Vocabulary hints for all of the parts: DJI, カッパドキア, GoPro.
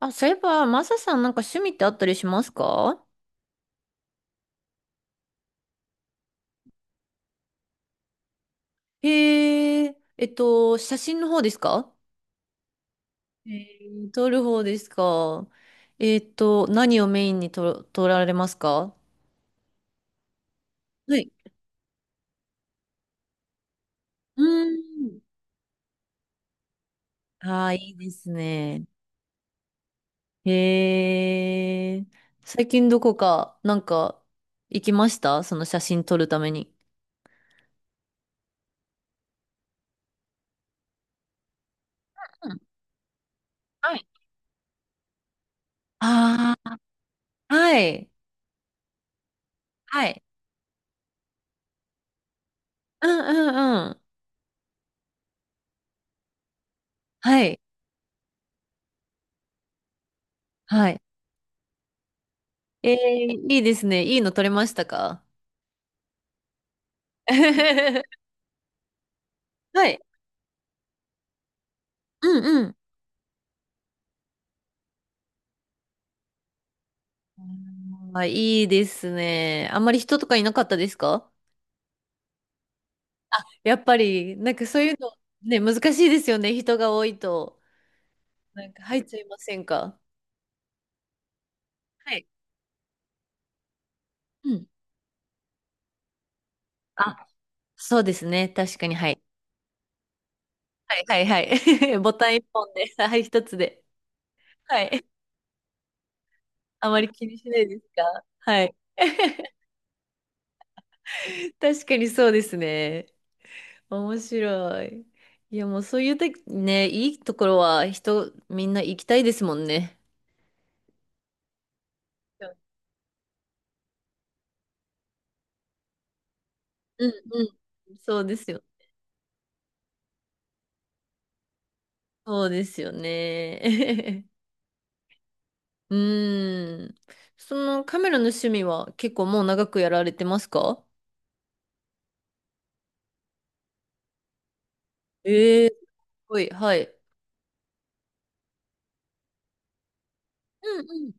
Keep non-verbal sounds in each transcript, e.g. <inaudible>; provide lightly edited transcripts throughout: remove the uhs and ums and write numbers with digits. あ、そういえば、マサさん、なんか趣味ってあったりしますか？へえ、写真の方ですか？へえ、撮る方ですか？何をメインに撮られますか？はい。うーん。ああ、いいですね。へえ、最近どこか、なんか、行きました、その写真撮るために。うん。はい。ああ、はい。はい。うんうんうん。はい。はい。えー、いいですね。いいの取れましたか？ <laughs> はい。うんうん。あー、いいですね。あんまり人とかいなかったですか？やっぱり、なんかそういうの、ね、難しいですよね、人が多いと。なんか入っちゃいませんか？はい。うん。あ、そうですね。確かに、はい。はいはいはい。<laughs> ボタン一本で、はい、一つで。はい。あまり気にしないですか、はい。<laughs> 確かにそうですね。面白い。いや、もうそういうて、ね、いいところは、人、みんな行きたいですもんね。うんうん。そうですよ。そうですよね。<laughs> うーん。そのカメラの趣味は結構もう長くやられてますか？ええー、すごい。はい。うんうん。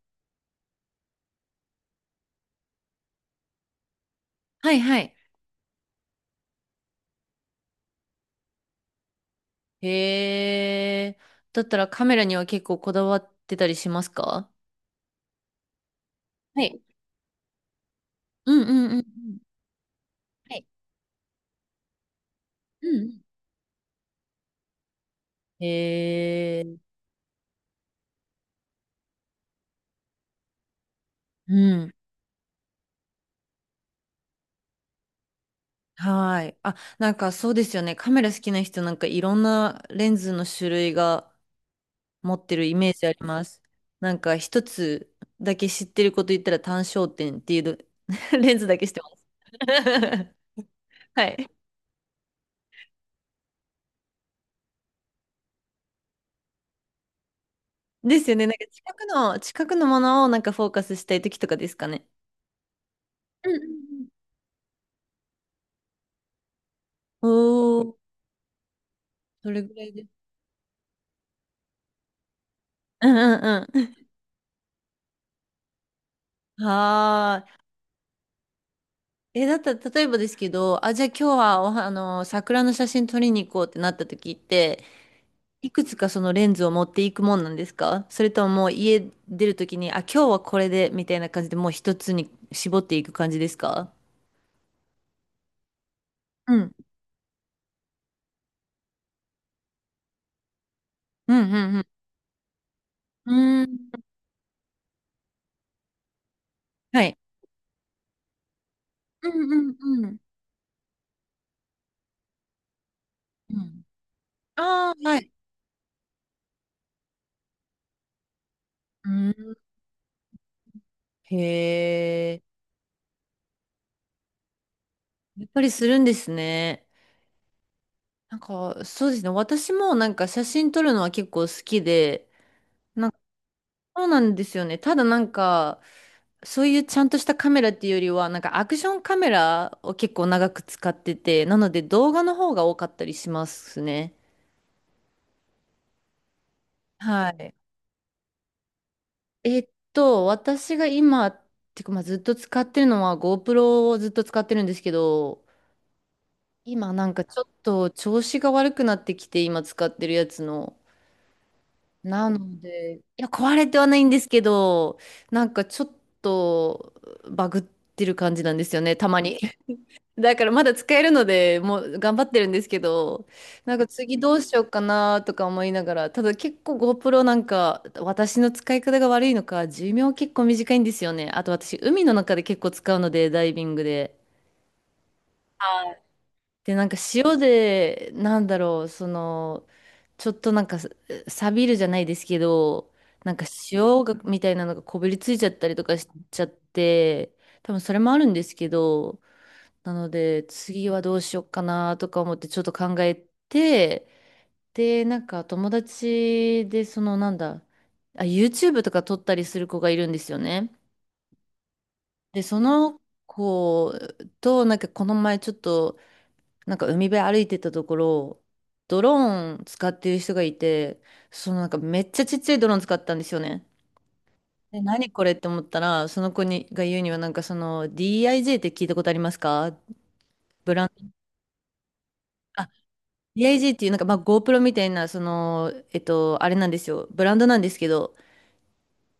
はいはい。へえ。だったらカメラには結構こだわってたりしますか？はい。うんうんうんうん。はい。うんうん。へえ。うん。はい。あ、なんかそうですよね。カメラ好きな人、なんかいろんなレンズの種類が持ってるイメージあります。なんか一つだけ知ってること言ったら、単焦点っていうの <laughs> レンズだけ知ってます。<laughs> はい。ですよね。なんか近くのものをなんかフォーカスしたい時とかですかね。うんうん。おおー、それぐらいです。<laughs> うんうんうん。<laughs> はーい。え、だったら、例えばですけど、あ、じゃあ今日はおは、あの、桜の写真撮りに行こうってなった時って、いくつかそのレンズを持っていくもんなんですか？それとも、もう家出るときに、あ、今日はこれでみたいな感じでもう一つに絞っていく感じですか？うん。うん、うん、うん。うーん。はい。うん、うん、うん。うん。ああ、はい。うん。へえ、やっぱりするんですね。なんか、そうですね。私もなんか写真撮るのは結構好きで、そうなんですよね。ただなんか、そういうちゃんとしたカメラっていうよりは、なんかアクションカメラを結構長く使ってて、なので動画の方が多かったりしますね。はい。私が今、てか、まあずっと使ってるのは GoPro をずっと使ってるんですけど、今なんかちょっと調子が悪くなってきて、今使ってるやつの。なので、いや、壊れてはないんですけど、なんかちょっとバグってる感じなんですよね、たまに。だからまだ使えるので、もう頑張ってるんですけど、なんか次どうしようかなとか思いながら。ただ結構 GoPro、 なんか私の使い方が悪いのか、寿命結構短いんですよね。あと私海の中で結構使うので、ダイビングで。はい。で、なんか塩で、なんだろう、その、ちょっとなんか、錆びるじゃないですけど、なんか塩が、みたいなのがこびりついちゃったりとかしちゃって、多分それもあるんですけど、なので、次はどうしようかなとか思ってちょっと考えて、で、なんか友達で、そのなんだ、あ、YouTube とか撮ったりする子がいるんですよね。で、その子と、なんかこの前ちょっと、なんか海辺歩いてたところ、ドローン使ってる人がいて、そのなんかめっちゃちっちゃいドローン使ったんですよね。で、何これって思ったら、その子にが言うには、なんかその DIJ って聞いたことありますか、ブランド。DIG っていう、なんか、まあ、GoPro みたいな、その、あれなんですよ、ブランドなんですけど。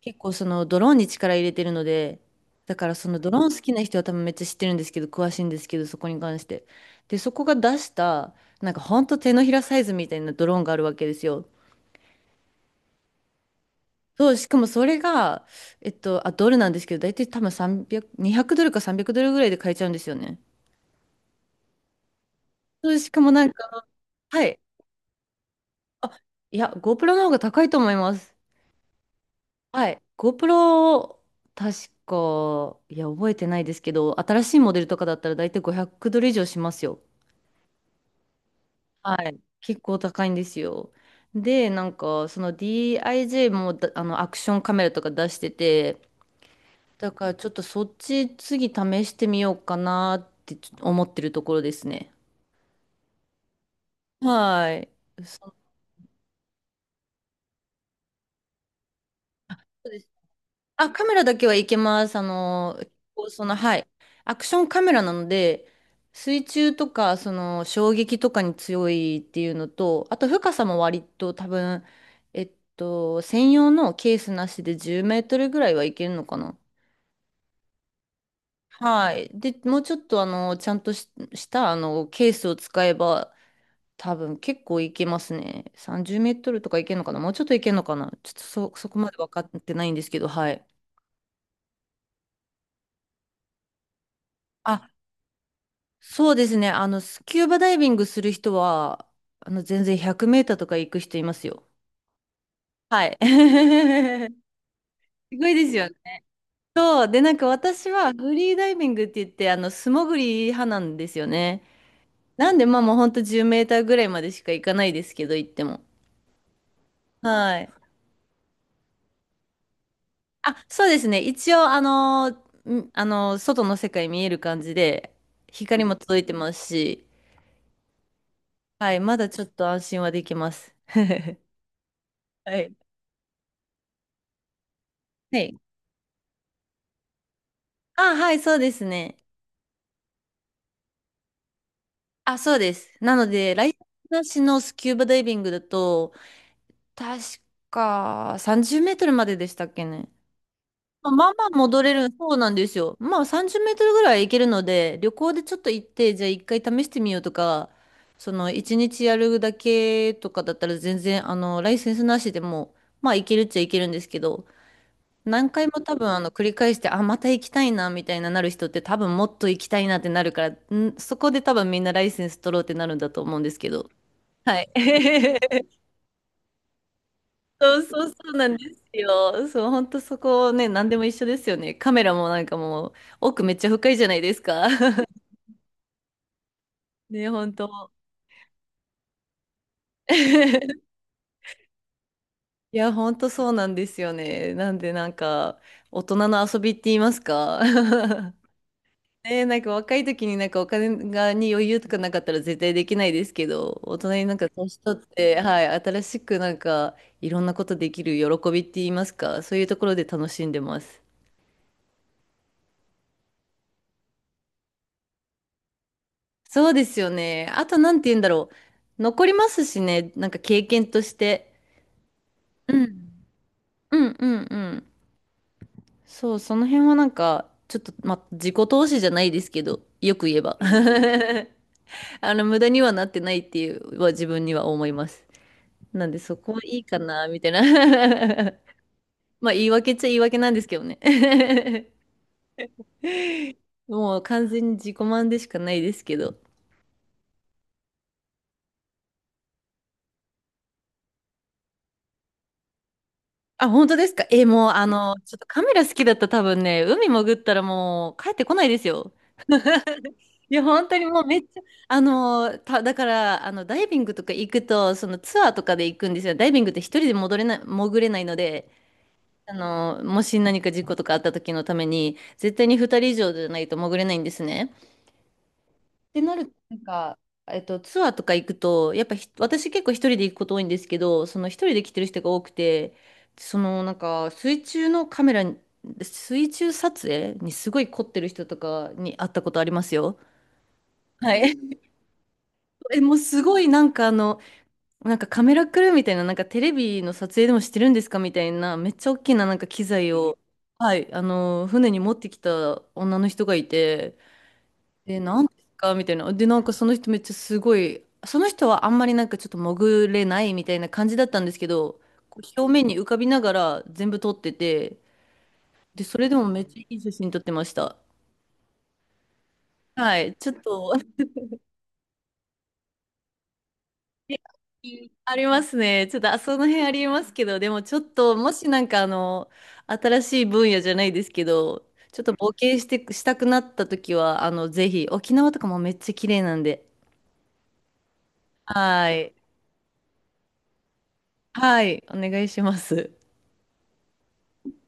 結構そのドローンに力入れてるので、だからそのドローン好きな人は多分めっちゃ知ってるんですけど、詳しいんですけど、そこに関して。で、そこが出した、なんかほんと手のひらサイズみたいなドローンがあるわけですよ。そう、しかもそれが、あ、ドルなんですけど、大体多分300、200ドルか300ドルぐらいで買えちゃうんですよね。そう、しかもなんか、はい。あ、いや、GoPro の方が高いと思います。はい。GoPro、確か、いや、覚えてないですけど、新しいモデルとかだったら大体500ドル以上しますよ。はい。結構高いんですよ。で、なんか、その DIJ もだあの、アクションカメラとか出してて、だからちょっとそっち次試してみようかなってちょっと思ってるところですね。はい。そうですね。あ、カメラだけはいけます。あの、その、はい。アクションカメラなので、水中とか、その、衝撃とかに強いっていうのと、あと深さも割と多分、専用のケースなしで10メートルぐらいはいけるのかな。はい。で、もうちょっと、あの、ちゃんとし、したあのケースを使えば、多分結構いけますね。30メートルとかいけるのかな。もうちょっといけるのかな。ちょっとそこまで分かってないんですけど、はい。あ、そうですね。あの、スキューバダイビングする人は、あの、全然100メーターとか行く人いますよ。はい。<laughs> すごいですよね。そう。で、なんか私はフリーダイビングって言って、あの、素潜り派なんですよね。なんで、まあもうほんと10メーターぐらいまでしか行かないですけど、行っても。はい。あ、そうですね。一応、あのー、外の世界見える感じで、光も届いてますし、はい。まだちょっと安心はできます。<laughs> はい。はい。あ、はい、そうですね。あ、そうです。なので、ライセンスなしのスキューバダイビングだと、確か30メートルまででしたっけね。まあまあまあ戻れる、そうなんですよ。まあ30メートルぐらい行けるので、旅行でちょっと行って、じゃあ一回試してみようとか、その一日やるだけとかだったら全然、あの、ライセンスなしでも、まあ行けるっちゃ行けるんですけど、何回も多分あの繰り返して、あ、また行きたいなみたいななる人って多分もっと行きたいなってなるから、ん、そこで多分みんなライセンス取ろうってなるんだと思うんですけど。はい。<laughs> そうそうそうなんですよ。そう、本当そこね、何でも一緒ですよね。カメラもなんかもう奥めっちゃ深いじゃないですか。<laughs> ね、本当。<laughs> いや、本当そうなんですよね。なんでなんか大人の遊びって言いますか。<laughs> ねえ、なんか若い時になんかお金がに余裕とかなかったら絶対できないですけど、大人になんか年取って、はい、新しくなんかいろんなことできる喜びって言いますか、そういうところで楽しんでます。そうですよね。あとなんて言うんだろう。残りますしね、なんか経験として。うん、うん。そう、その辺はなんか、ちょっと、ま、自己投資じゃないですけど、よく言えば。<laughs> あの、無駄にはなってないっていうは自分には思います。なんでそこはいいかな、みたいな。<laughs> まあ言い訳っちゃ言い訳なんですけどね。<laughs> もう完全に自己満でしかないですけど。あ、本当ですかえ、もうあの、ちょっとカメラ好きだったら多分ね、海潜ったらもう帰ってこないですよ。いや、本当にもうめっちゃ、あの、だから、あの、ダイビングとか行くと、そのツアーとかで行くんですよ。ダイビングって一人で戻れない、潜れないので、あの、もし何か事故とかあった時のために、絶対に二人以上じゃないと潜れないんですね。ってなると、なんか、ツアーとか行くと、やっぱ私結構一人で行くこと多いんですけど、その一人で来てる人が多くて、そのなんか水中のカメラに、水中撮影にすごい凝ってる人とかに会ったことありますよ。はい。<laughs> え、もうすごいなんかあの、なんかカメラクルーみたいな、なんかテレビの撮影でもしてるんですかみたいな、めっちゃ大きななんか機材を、はい、あの、船に持ってきた女の人がいて、で、なんですかみたいな。で、なんかその人めっちゃすごい、その人はあんまりなんかちょっと潜れないみたいな感じだったんですけど、こう表面に浮かびながら全部撮ってて、で、それでもめっちゃいい写真撮ってました。はい、ちょっと、<laughs> えありますね。ちょっと、あ、その辺ありますけど、でもちょっと、もしなんかあの、新しい分野じゃないですけど、ちょっと冒険して、したくなった時は、あの、ぜひ、沖縄とかもめっちゃ綺麗なんで、はい、はい、お願いします。